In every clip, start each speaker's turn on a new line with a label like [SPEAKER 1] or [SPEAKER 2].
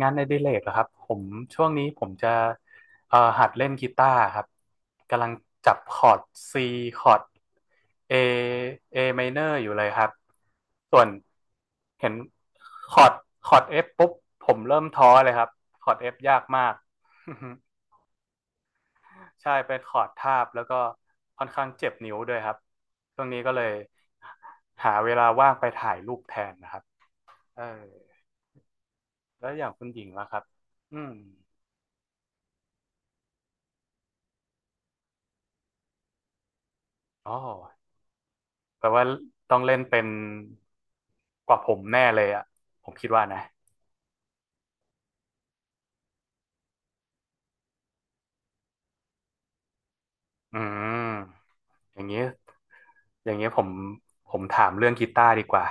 [SPEAKER 1] งานในดิเลกเหรอครับผมช่วงนี้ผมจะหัดเล่นกีตาร์ครับกำลังจับคอร์ด C คอร์ด A A minor อยู่เลยครับส่วนเห็นคอร์ดคอร์ด F ปุ๊บผมเริ่มท้อเลยครับคอร์ด F ยากมาก ใช่เป็นคอร์ดทาบแล้วก็ค่อนข้างเจ็บนิ้วด้วยครับช่วงนี้ก็เลยหาเวลาว่างไปถ่ายรูปแทนนะครับเออแล้วอย่างคุณหญิงล่ะครับอืมอ๋อ แปลว่าต้องเล่นเป็นกว่าผมแน่เลยอ่ะผมคิดว่านะอืมอย่างนี้อย่างนี้ผมถามเรื่องกีตาร์ดีกว่า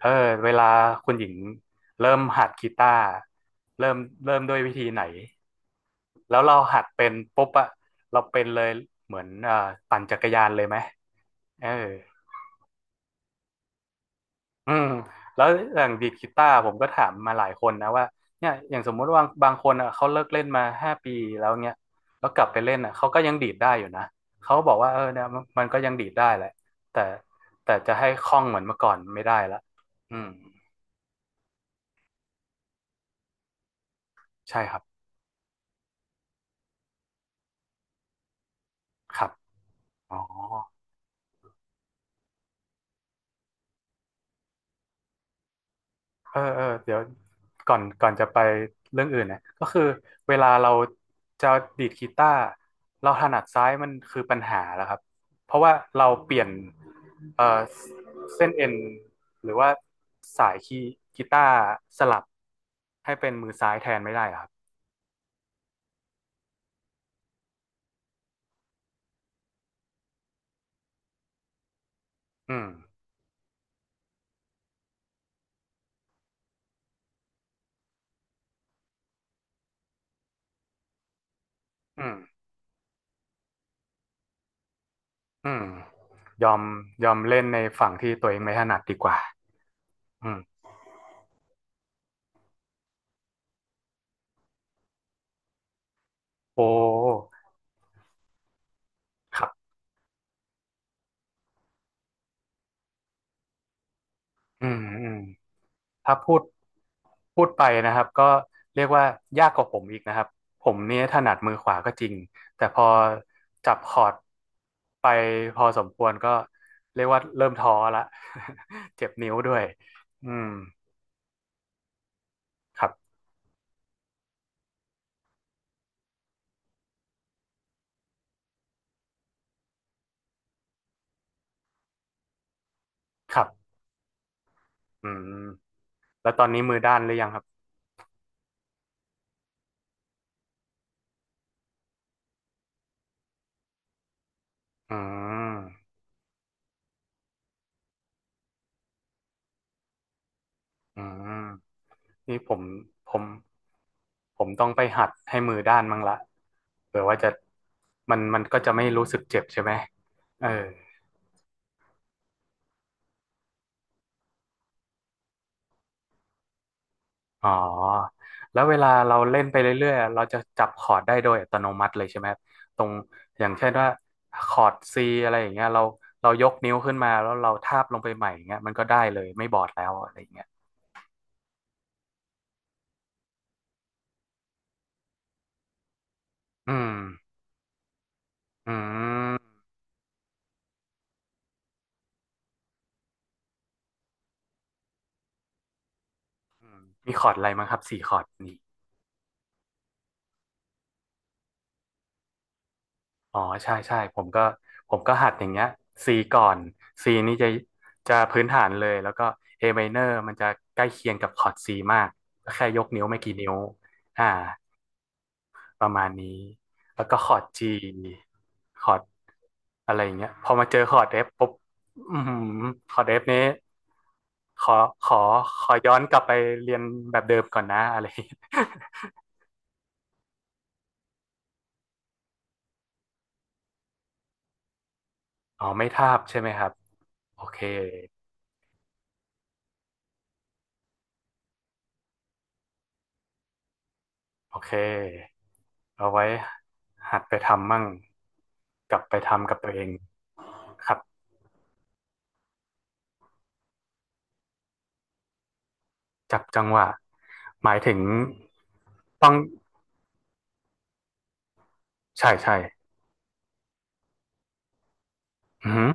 [SPEAKER 1] เออเวลาคุณหญิงเริ่มหัดกีตาร์เริ่มเริ่มด้วยวิธีไหนแล้วเราหัดเป็นปุ๊บอะเราเป็นเลยเหมือนปั่นจักรยานเลยไหมเออ อืมแล้วอย่างดีดกีตาร์ผมก็ถามมาหลายคนนะว่าเนี่ยอย่างสมมุติว่าบางคนอ่ะเขาเลิกเล่นมา5 ปีแล้วเนี่ยแล้วกลับไปเล่นอ่ะเขาก็ยังดีดได้อยู่นะเขาบอกว่าเออเนี่ยมันก็ยังดีดได้แหละแต่แต่จะให้คล่องเหมือนเมื่อก่อนไม่ได้ละอืมใช่ครับครับอ๋อ เออเออเดี๋ยวก่อนจะไปเรื่องอื่นนะก็คือเวลาเราจะดีดกีตาร์เราถนัดซ้ายมันคือปัญหาแล้วครับเพราะว่าเราเปลี่ยนเออเส้นเอ็นหรือว่าสายคีย์กีตาร์สลับให้เป็นมือซ้ายแทนไม่ได้ครับอืมอืมอืมยอมยอมเล่นในฝั่งที่ตัวเองไม่ถนัดดีกว่าอืมโอ้ครับอืมอืม ถ้าพูดไปนะครับก็เรียกว่ายากกว่าผมอีกนะครับผมเนี่ยถนัดมือขวาก็จริงแต่พอจับคอร์ดไปพอสมควรก็เรียกว่าเริ่มท้อละ เจ็บนิ้วด้วยอืมครับครับอืมแล้วตอนนี้มือด้านหรือยังครับอืมอืมนี่ผมผมต้องไปหัดให้มือด้านมั้งละเผื่อว่าจะมันก็จะไม่รู้สึกเจ็บใช่ไหมเออ อ๋อแล้วเวลาเราเล่นไปเรื่อยๆอะเราจะจับคอร์ดได้โดยอัตโนมัติเลยใช่ไหมครับตรงอย่างเช่นว่าคอร์ด C อะไรอย่างเงี้ยเรายกนิ้วขึ้นมาแล้วเราทาบลงไปใหม่อย่างเงี้ยมันก็ได้เลยไม่บอดแล้วอะไรอย่างเงี้ยอืมอืมอืมมีคอร์ดอะไรมั้งครับ4 คอร์ดนี่อ๋อใช่ใช่ผมก็หัดอย่างเงี้ย C ก่อน C นี่จะพื้นฐานเลยแล้วก็ A minor มันจะใกล้เคียงกับคอร์ด C มากก็แค่ยกนิ้วไม่กี่นิ้วอ่า ประมาณนี้แล้วก็คอร์ด G คอร์ดอะไรอย่างเงี้ยพอมาเจอคอร์ด F ปุ๊บอือหือคอร์ด F นี้ขอขอขอย้อนกลับไปเรียนแบบเดิมก่อนนะอะไรอย่างเงี้ยอ๋อไม่ทาบใช่ไหมครับโอเคโอเคเอาไว้หัดไปทำมั่งกลับไปทำกับตัวเองครับจับจังหวะหมายถึงต้องใช่ใช่อือหือ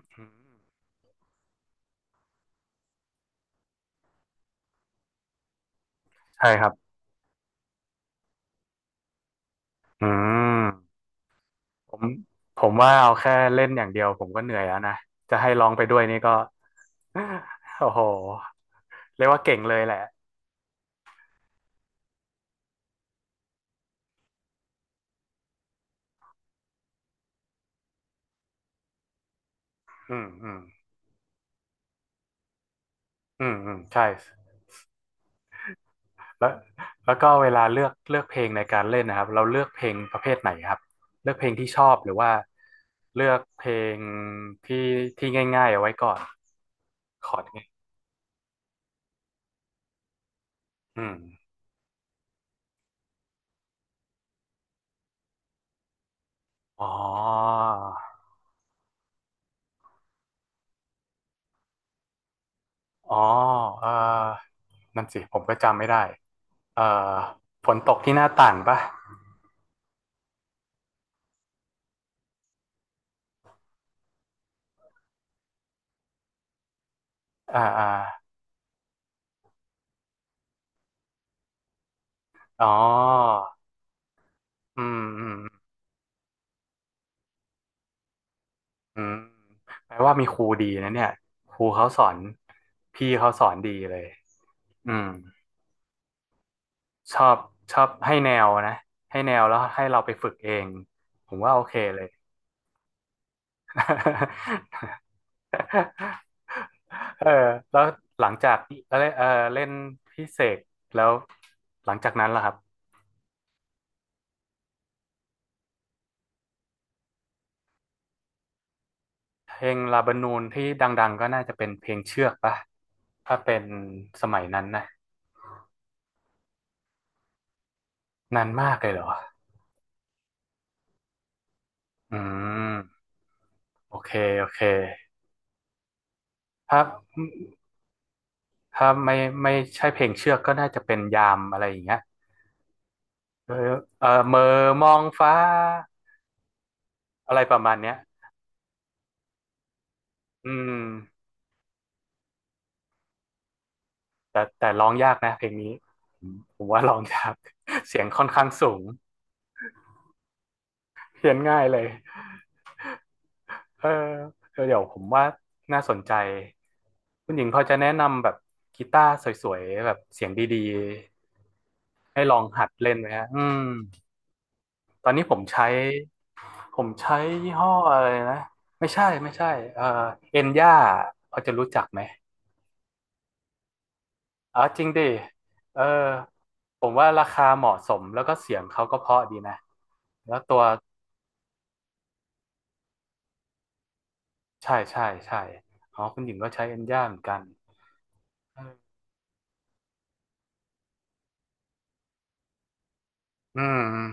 [SPEAKER 1] ใช่ครับอืม ผมผมว่าเอาแค่เล่นอย่างเดียวผมก็เหนื่อยแล้วนะจะให้ร้องไปด้วยนี่ก็ โอ้โหเรียกว่าเก่งเลยแหละอืมอืมอืมอืมใช่แล้วแล้วก็เวลาเลือกเพลงในการเล่นนะครับเราเลือกเพลงประเภทไหนครับเลือกเพลงที่ชอบหรือว่าเลือกเพลงที่ที่ง่ายๆเอาไว้ก่อนคอร์ดง่ายอืมอ๋ออ๋อเออนั่นสิผมก็จำไม่ได้เอ่อฝนตกที่หน้าต่างปะอ่าอ่า อ๋ออืมอืมอืมแปลว่ามีครูดีนะเนี่ยครูเขาสอนพี่เขาสอนดีเลยอืมชอบชอบให้แนวนะให้แนวแล้วให้เราไปฝึกเองผมว่าโอเคเลย เออแล้วหลังจากเล่นเล่นพิเศษแล้วหลังจากนั้นล่ะครับเพลงลาบานูนที่ดังๆก็น่าจะเป็นเพลงเชือกปะถ้าเป็นสมัยนั้นนะนานมากเลยเหรอ อืมโอเคโอเคถ้าถ้าไม่ใช่เพลงเชือกก็น่าจะเป็นยามอะไรอย่างเงี้ยเออเออเหม่อมองฟ้าอะไรประมาณเนี้ยอืมแต่ร้องยากนะเพลงนี้ผมว่าร้องยาก เสียงค่อนข้างสูงเขียนง่ายเลยเออเออเดี๋ยวผมว่าน่าสนใจคุณหญิงพอจะแนะนำแบบกีตาร์สวยๆแบบเสียงดีๆให้ลองหัดเล่นไหมฮะอืมตอนนี้ผมใช้ยี่ห้ออะไรนะไม่ใช่ไม่ใช่เอ่อเอ็นย่าพอจะรู้จักไหมอ๋อจริงดิเออผมว่าราคาเหมาะสมแล้วก็เสียงเขาก็เพราะดีนะแล้วตัวใช่ใช่ใช่อ๋อคุณหญิงก็ใช้เอ็นย่าเหมือนกันเอออืมอืม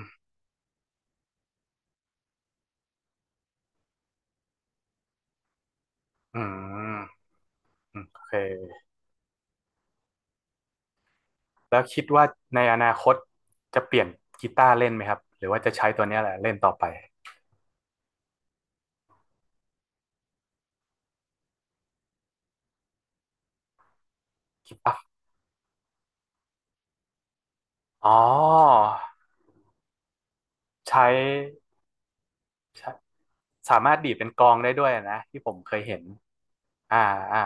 [SPEAKER 1] อืมโอเคแล้วคิดว่าในอนาคตจะเปลี่ยนกีตาร์เล่นไหมครับหรือว่าจะใช้ตัวเนี้ยแหละเล่นต่อไปกีตาร์อ๋อใช้ใช้ สามารถดีดเป็นกลองได้ด้วยนะที่ผมเคยเห็นอ่าอ่า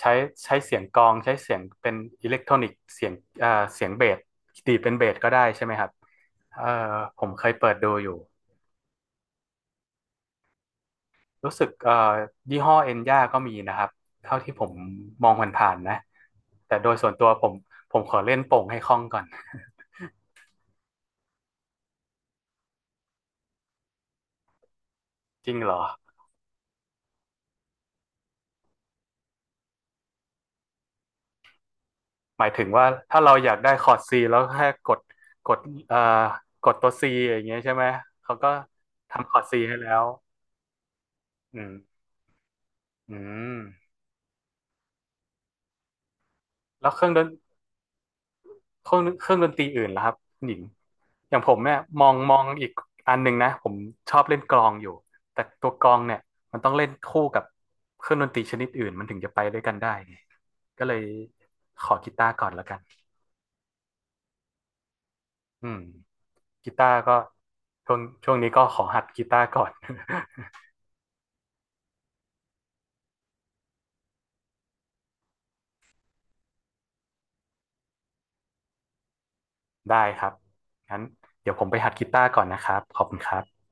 [SPEAKER 1] ใช้ใช้เสียงกลองใช้เสียงเป็นอิเล็กทรอนิกเสียงเอ่าเสียงเบสดีดเป็นเบสก็ได้ใช่ไหมครับเอ่อผมเคยเปิดดูอยู่รู้สึกยี่ห้อเอ็นย่าก็มีนะครับเท่าที่ผมมองผ่านๆนะแต่โดยส่วนตัวผมขอเล่นโป่งให้คล่องก่อนจริงเหรอหมายถึงว่าถ้าเราอยากได้คอร์ดซีแล้วแค่กดเอ่อกดตัวซีอย่างเงี้ยใช่ไหมเขาก็ทำคอร์ดซีให้แล้วอืม อืมแล้วเครื่องดนเครื่องเครื่องดนตรีอื่นล่ะครับคุณหญิงอย่างผมเนี่ยมองอีกอันหนึ่งนะผมชอบเล่นกลองอยู่แต่ตัวกลองเนี่ยมันต้องเล่นคู่กับเครื่องดนตรีชนิดอื่นมันถึงจะไปด้วยกันได้ไงก็เลยขอกีตาร์ก่อนแล้วกันอืมกีตาร์ก็ช่วงนี้ก็ขอหัดกีตาร์ก่อน ได้ครับงั้นเดี๋ยวผมไปหัดกีตาร์ก่อนนะครับขอบคุณครับ